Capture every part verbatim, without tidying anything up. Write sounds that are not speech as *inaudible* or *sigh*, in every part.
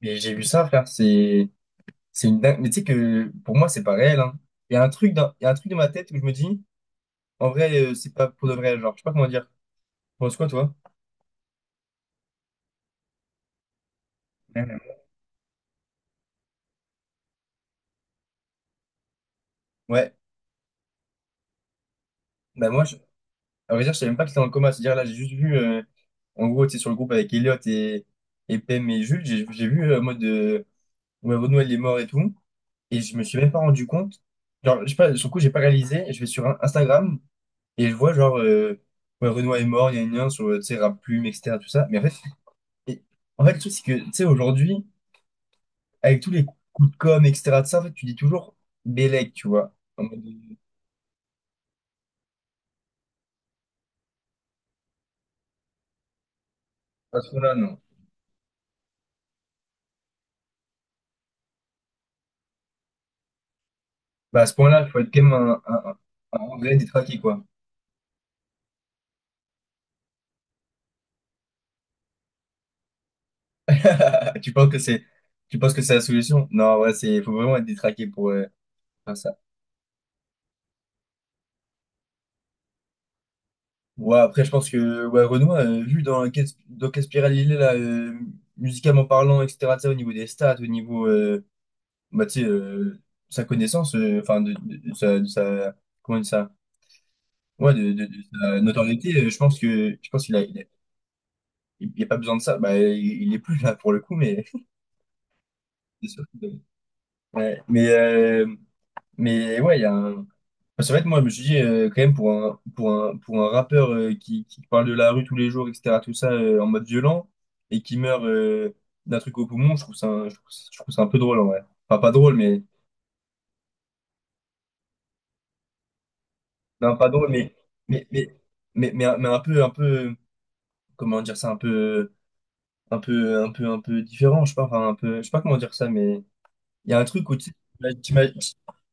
Mais j'ai vu ça, frère, c'est c'est une dingue. Mais tu sais que pour moi, c'est pas réel, hein. Il y a un truc dans... il y a un truc dans ma tête où je me dis, en vrai, euh, c'est pas pour de vrai. Genre, je sais pas comment dire. Tu penses quoi, toi? *laughs* Mhm. Ouais. Bah, moi, je... à vrai dire, je savais même pas qu'il était dans le coma. C'est-à-dire, là, j'ai juste vu, euh, en gros, tu sais, sur le groupe avec Elliot et, et Pem et Jules, j'ai j'ai vu, euh, en mode, euh, ouais, Renoir il est mort et tout. Et je me suis même pas rendu compte. Genre, je sais pas, sur le coup, j'ai pas réalisé. Je vais sur un- Instagram et je vois, genre, euh, ouais, Renoir est mort, il y a une lien sur, euh, tu sais, Rap Plume, et cetera, tout ça. Mais en fait, Et en fait, le truc, c'est que, tu sais, aujourd'hui, avec tous les coups de com', et cetera, de ça, en fait, tu dis toujours Bélec, tu vois. En mode, euh, à ce point-là, non. Bah, à ce point-là, il faut être quand même un, un, un, un vrai détraqué, quoi. *laughs* Tu penses que c'est, Tu penses que c'est la solution? Non, ouais, c'est, faut vraiment être détraqué pour euh, faire ça. Ouais, après, je pense que, ouais, Renoir, euh, vu dans quelle, dans quelle spirale il est, là, euh, musicalement parlant, et cetera, tu sais, au niveau des stats, au niveau, euh, bah, tu sais, euh, sa connaissance, euh, enfin, de, de- de sa, de sa- comment on dit ça? Ouais, de, de, de sa notoriété, euh, je pense que je pense qu'il a, il a, il y a pas besoin de ça. Bah, il, il est plus là pour le coup, mais *laughs* c'est sûr que- ouais, mais euh, mais ouais, il y a un. Enfin, c'est vrai que moi, je me suis dit euh, quand même pour un pour un pour un rappeur euh, qui, qui parle de la rue tous les jours, et cetera. Tout ça euh, en mode violent et qui meurt euh, d'un truc au poumon, je trouve ça un- je trouve, ça je trouve ça un peu drôle en vrai. Enfin, pas drôle, mais non, pas drôle, mais mais mais mais mais, un mais un peu un peu comment dire ça, un peu. un peu, un peu, un peu différent, je sais pas, enfin, un peu, je sais pas comment dire ça, mais il y a un truc où tu sais, t'ima- t'ima-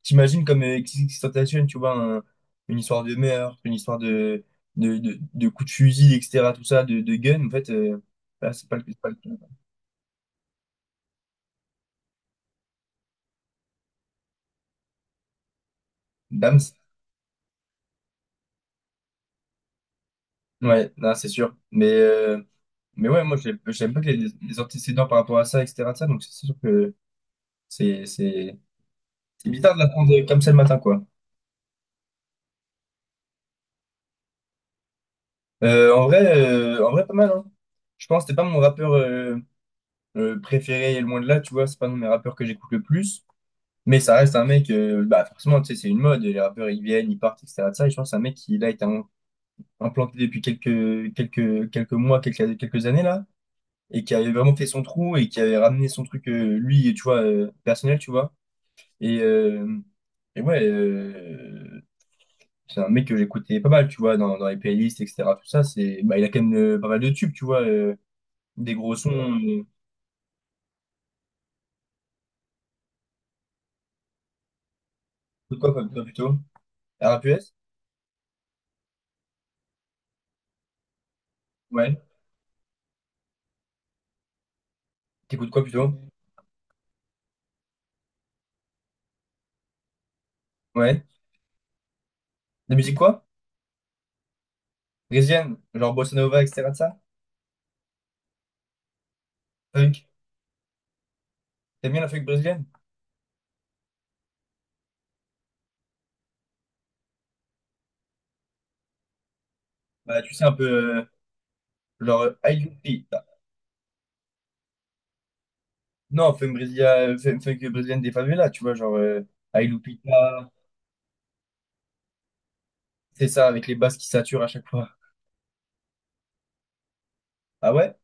t'imagines comme euh, XXXTentacion, tu vois, un- une histoire de meurtre, une histoire de, de, de, de coups de fusil, et cetera, tout ça, de, de gun, en fait, euh, là, c'est pas le, c'est pas le cas. Dams, ouais, non, c'est sûr, mais, euh, mais ouais, moi, j'aime j'aime pas que les, les antécédents par rapport à ça, et cetera, de ça, donc c'est sûr que c'est, c'est, c'est bizarre de l'apprendre comme ça le matin, quoi. Euh, en vrai, euh, en vrai, pas mal, hein. Je pense que c'était pas mon rappeur euh, euh, préféré et loin de là, tu vois, c'est pas un de mes rappeurs que j'écoute le plus, mais ça reste un mec, euh, bah forcément, tu sais, c'est une mode, les rappeurs ils viennent, ils partent, et cetera de ça, et je pense que c'est un mec qui là, a été im- implanté depuis quelques, quelques, quelques mois, quelques, quelques années là, et qui avait vraiment fait son trou et qui avait ramené son truc, euh, lui, tu vois, euh, personnel, tu vois, et, euh, et ouais, euh, c'est un mec que j'écoutais pas mal, tu vois, dans, dans les playlists, et cetera. Tout ça, c'est, bah, il a quand même euh, pas mal de tubes, tu vois, euh, des gros sons, euh, de quoi, pas- pas plutôt? rap U S? Ouais. T'écoutes quoi plutôt? Ouais. De la musique quoi? Brésilienne, genre bossa nova, et cetera de ça? Funk. T'aimes bien la funk brésilienne? Bah tu sais un peu euh, genre euh, Ay Lupita. Non, funk brésilienne, funk funk brésilienne des favelas, tu vois, genre euh, Ay Lupita, c'est ça, avec les basses qui saturent à chaque fois. Ah ouais?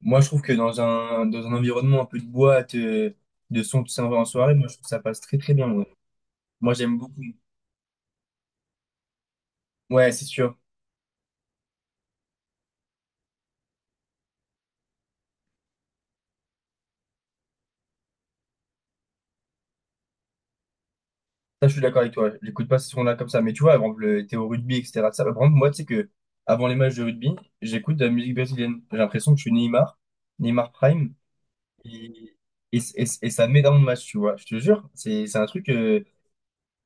Moi je trouve que dans un dans un environnement un peu de boîte, euh, de son qui s'en va en soirée, moi je trouve que ça passe très très bien, ouais. Moi j'aime beaucoup. Ouais, c'est sûr. Ça, je suis d'accord avec toi. J'écoute pas ces sons-là comme ça. Mais tu vois, avant le, t'es au rugby, et cetera de ça, bah, par exemple, moi, tu sais que avant les matchs de rugby, j'écoute de la musique brésilienne. J'ai l'impression que je suis Neymar, Neymar Prime, et, et, et, et ça me met dans le match, tu vois. Je te jure, c'est c'est un truc, euh,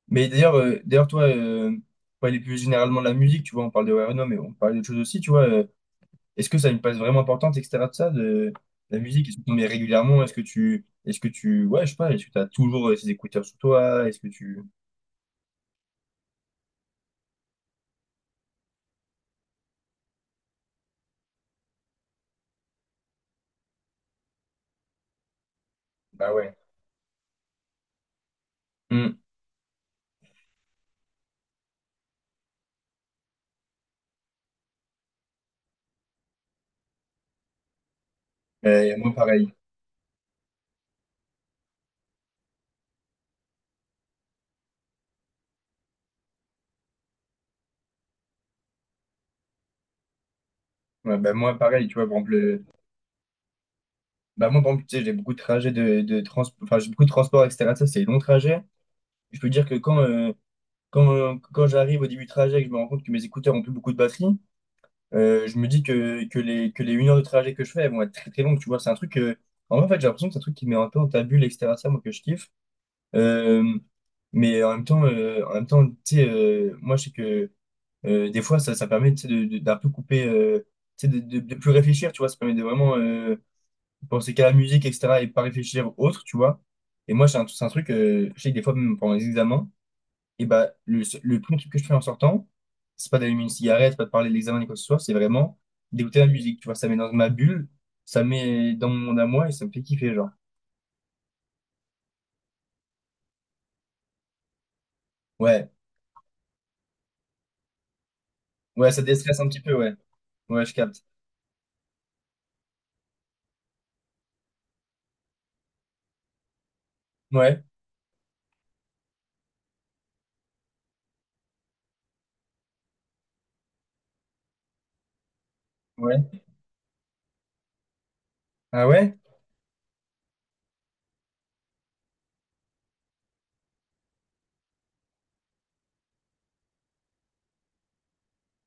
mais d'ailleurs, euh, d'ailleurs, toi, euh, pour aller plus généralement de la musique, tu vois, on parle de Renault, mais on parle d'autres choses aussi, tu vois. euh, Est-ce que ça a une place vraiment importante, et cetera de ça, de la musique? Est-ce que tu en mets régulièrement? Est-ce que tu, est-ce que tu, ouais, je sais pas. Est-ce que t'as toujours euh, ces écouteurs sur toi? Est-ce que tu, bah ouais. Mmh. Euh, moi, pareil. Ouais, bah, moi, pareil, tu vois, par exemple, le- bah, moi, par exemple, tu sais, j'ai beaucoup de trajets de, de trans... enfin, j'ai beaucoup de transports, et cetera. Ça, c'est des longs trajets. Je peux dire que quand, euh, quand, euh, quand j'arrive au début du trajet et que je me rends compte que mes écouteurs ont plus beaucoup de batterie, euh, je me dis que, que les, que les une heure de trajet que je fais, elles vont être très, très longues, tu vois. C'est un truc que, en vrai, en fait, j'ai l'impression que c'est un truc qui met un peu en ta bulle, et cetera. Ça, moi, que je kiffe. Euh, mais en même temps, euh, en même temps, tu sais, euh, moi, je sais que Euh, des fois, ça, ça permet tu sais, de, de- d'un peu couper, euh, tu sais, de, de, de plus réfléchir, tu vois. Ça permet de vraiment euh, penser qu'à la musique, et cetera et pas réfléchir autre, tu vois. Et moi, c'est un, c'est un truc, euh, je sais que des fois, même pendant les examens, et bah, le, se- le premier truc que je fais en sortant, c'est pas d'allumer une cigarette, c'est pas de parler de l'examen ni quoi que ce soit, c'est vraiment d'écouter la musique, tu vois. Ça met dans ma bulle, ça met dans mon monde à moi et ça me fait kiffer, genre. Ouais, ouais, ça déstresse un petit peu, ouais. Ouais, je capte. Ouais, ouais. Ah ouais?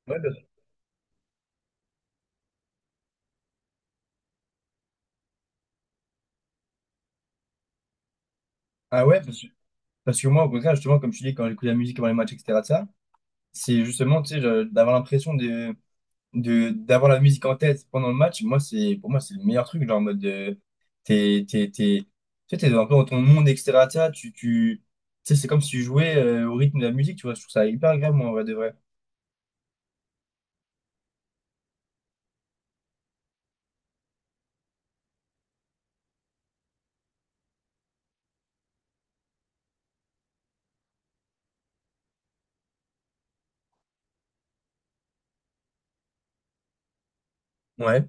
Ouais, parce- Ah ouais, parce que parce que moi, au contraire, justement, comme tu dis, quand j'écoute la musique avant les matchs, et cetera, de ça, c'est justement, tu sais, je- d'avoir l'impression de, de, d'avoir la musique en tête pendant le match. Moi, c'est, pour moi, c'est le meilleur truc, genre, en mode, de, t'es, t'es, t'es, tu sais, t'es un peu dans ton monde, et cetera, de ça, tu, tu, tu sais, c'est comme si tu jouais euh, au rythme de la musique, tu vois, je trouve ça hyper agréable, moi, en vrai de vrai. Ouais.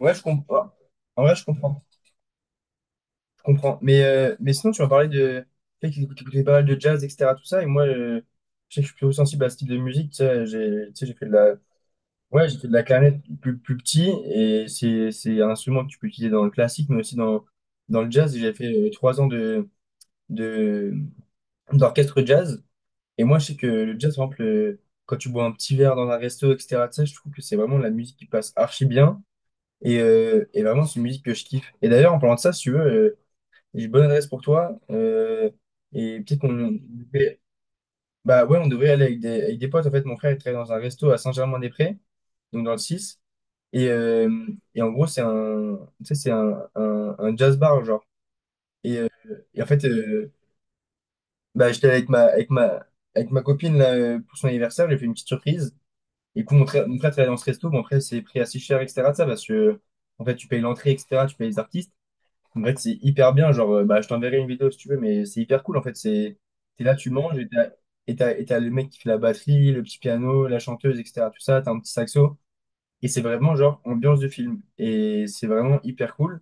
Ouais, je comprends. En vrai, je comprends. Je comprends. Mais, euh, mais sinon, tu m'as parlé de, tu sais, que t'écoutais pas mal de jazz, et cetera, tout ça, et moi, euh, je sais que je suis plutôt sensible à ce type de musique, tu sais, j'ai, tu sais, j'ai fait de la, ouais, j'ai fait de la clarinette plus, plus petit et c'est, c'est un instrument que tu peux utiliser dans le classique, mais aussi dans, dans le jazz. Et J'ai fait euh, trois ans de, de, d'orchestre jazz. Et moi, je sais que le jazz, par exemple, euh, quand tu bois un petit verre dans un resto, et cetera, tu sais, je trouve que c'est vraiment la musique qui passe archi bien. Et, euh, et vraiment, c'est une musique que je kiffe. Et d'ailleurs, en parlant de ça, si tu veux, euh, j'ai une bonne adresse pour toi, euh, et peut-être qu'on bah ouais, on devrait aller avec des, avec des potes. En fait, mon frère, il travaille dans un resto à Saint-Germain-des-Prés, donc dans le six. Et, euh, et en gros, c'est un, tu sais, c'est un, un, un jazz bar, genre. Et en fait, euh, bah, j'étais avec ma, avec ma, avec ma copine là, euh, pour son anniversaire, j'ai fait une petite surprise. Et du coup, mon frère, mon frère travaillait dans ce resto. Bon après, c'est pris assez cher, et cetera de ça, parce que, euh, en fait, tu payes l'entrée, et cetera, tu payes les artistes. En fait, c'est hyper bien, genre, euh, bah, je t'enverrai une vidéo si tu veux, mais c'est hyper cool, en fait. C'est, t'es là, tu manges, et t'as, et t'as, et t'as le mec qui fait la batterie, le petit piano, la chanteuse, et cetera, tout ça, t'as un petit saxo. Et c'est vraiment genre ambiance de film. Et c'est vraiment hyper cool.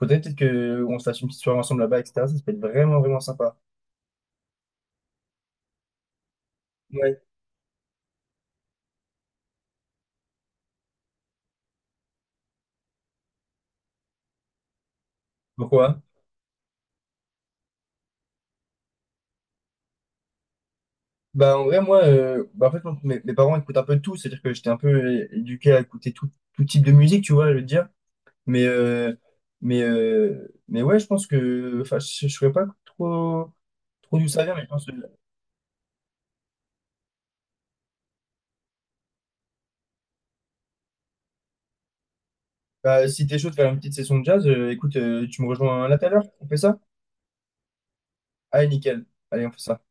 Faudrait peut-être que on se fasse une petite soirée ensemble là-bas, et cetera. Ça, ça peut être vraiment, vraiment sympa. Ouais. Pourquoi? Bah en vrai, moi, euh, bah, en fait, moi, mes, mes parents écoutent un peu de tout. C'est-à-dire que j'étais un peu euh, éduqué à écouter tout, tout type de musique, tu vois, je veux dire. Mais, euh, mais, euh, mais ouais, je pense que... Enfin, je ne saurais pas trop, trop d'où ça vient, mais je pense que... Bah, si t'es chaud de faire une petite session de jazz, euh, écoute, euh, tu me rejoins là tout à l'heure. On fait ça? Allez, nickel. Allez, on fait ça.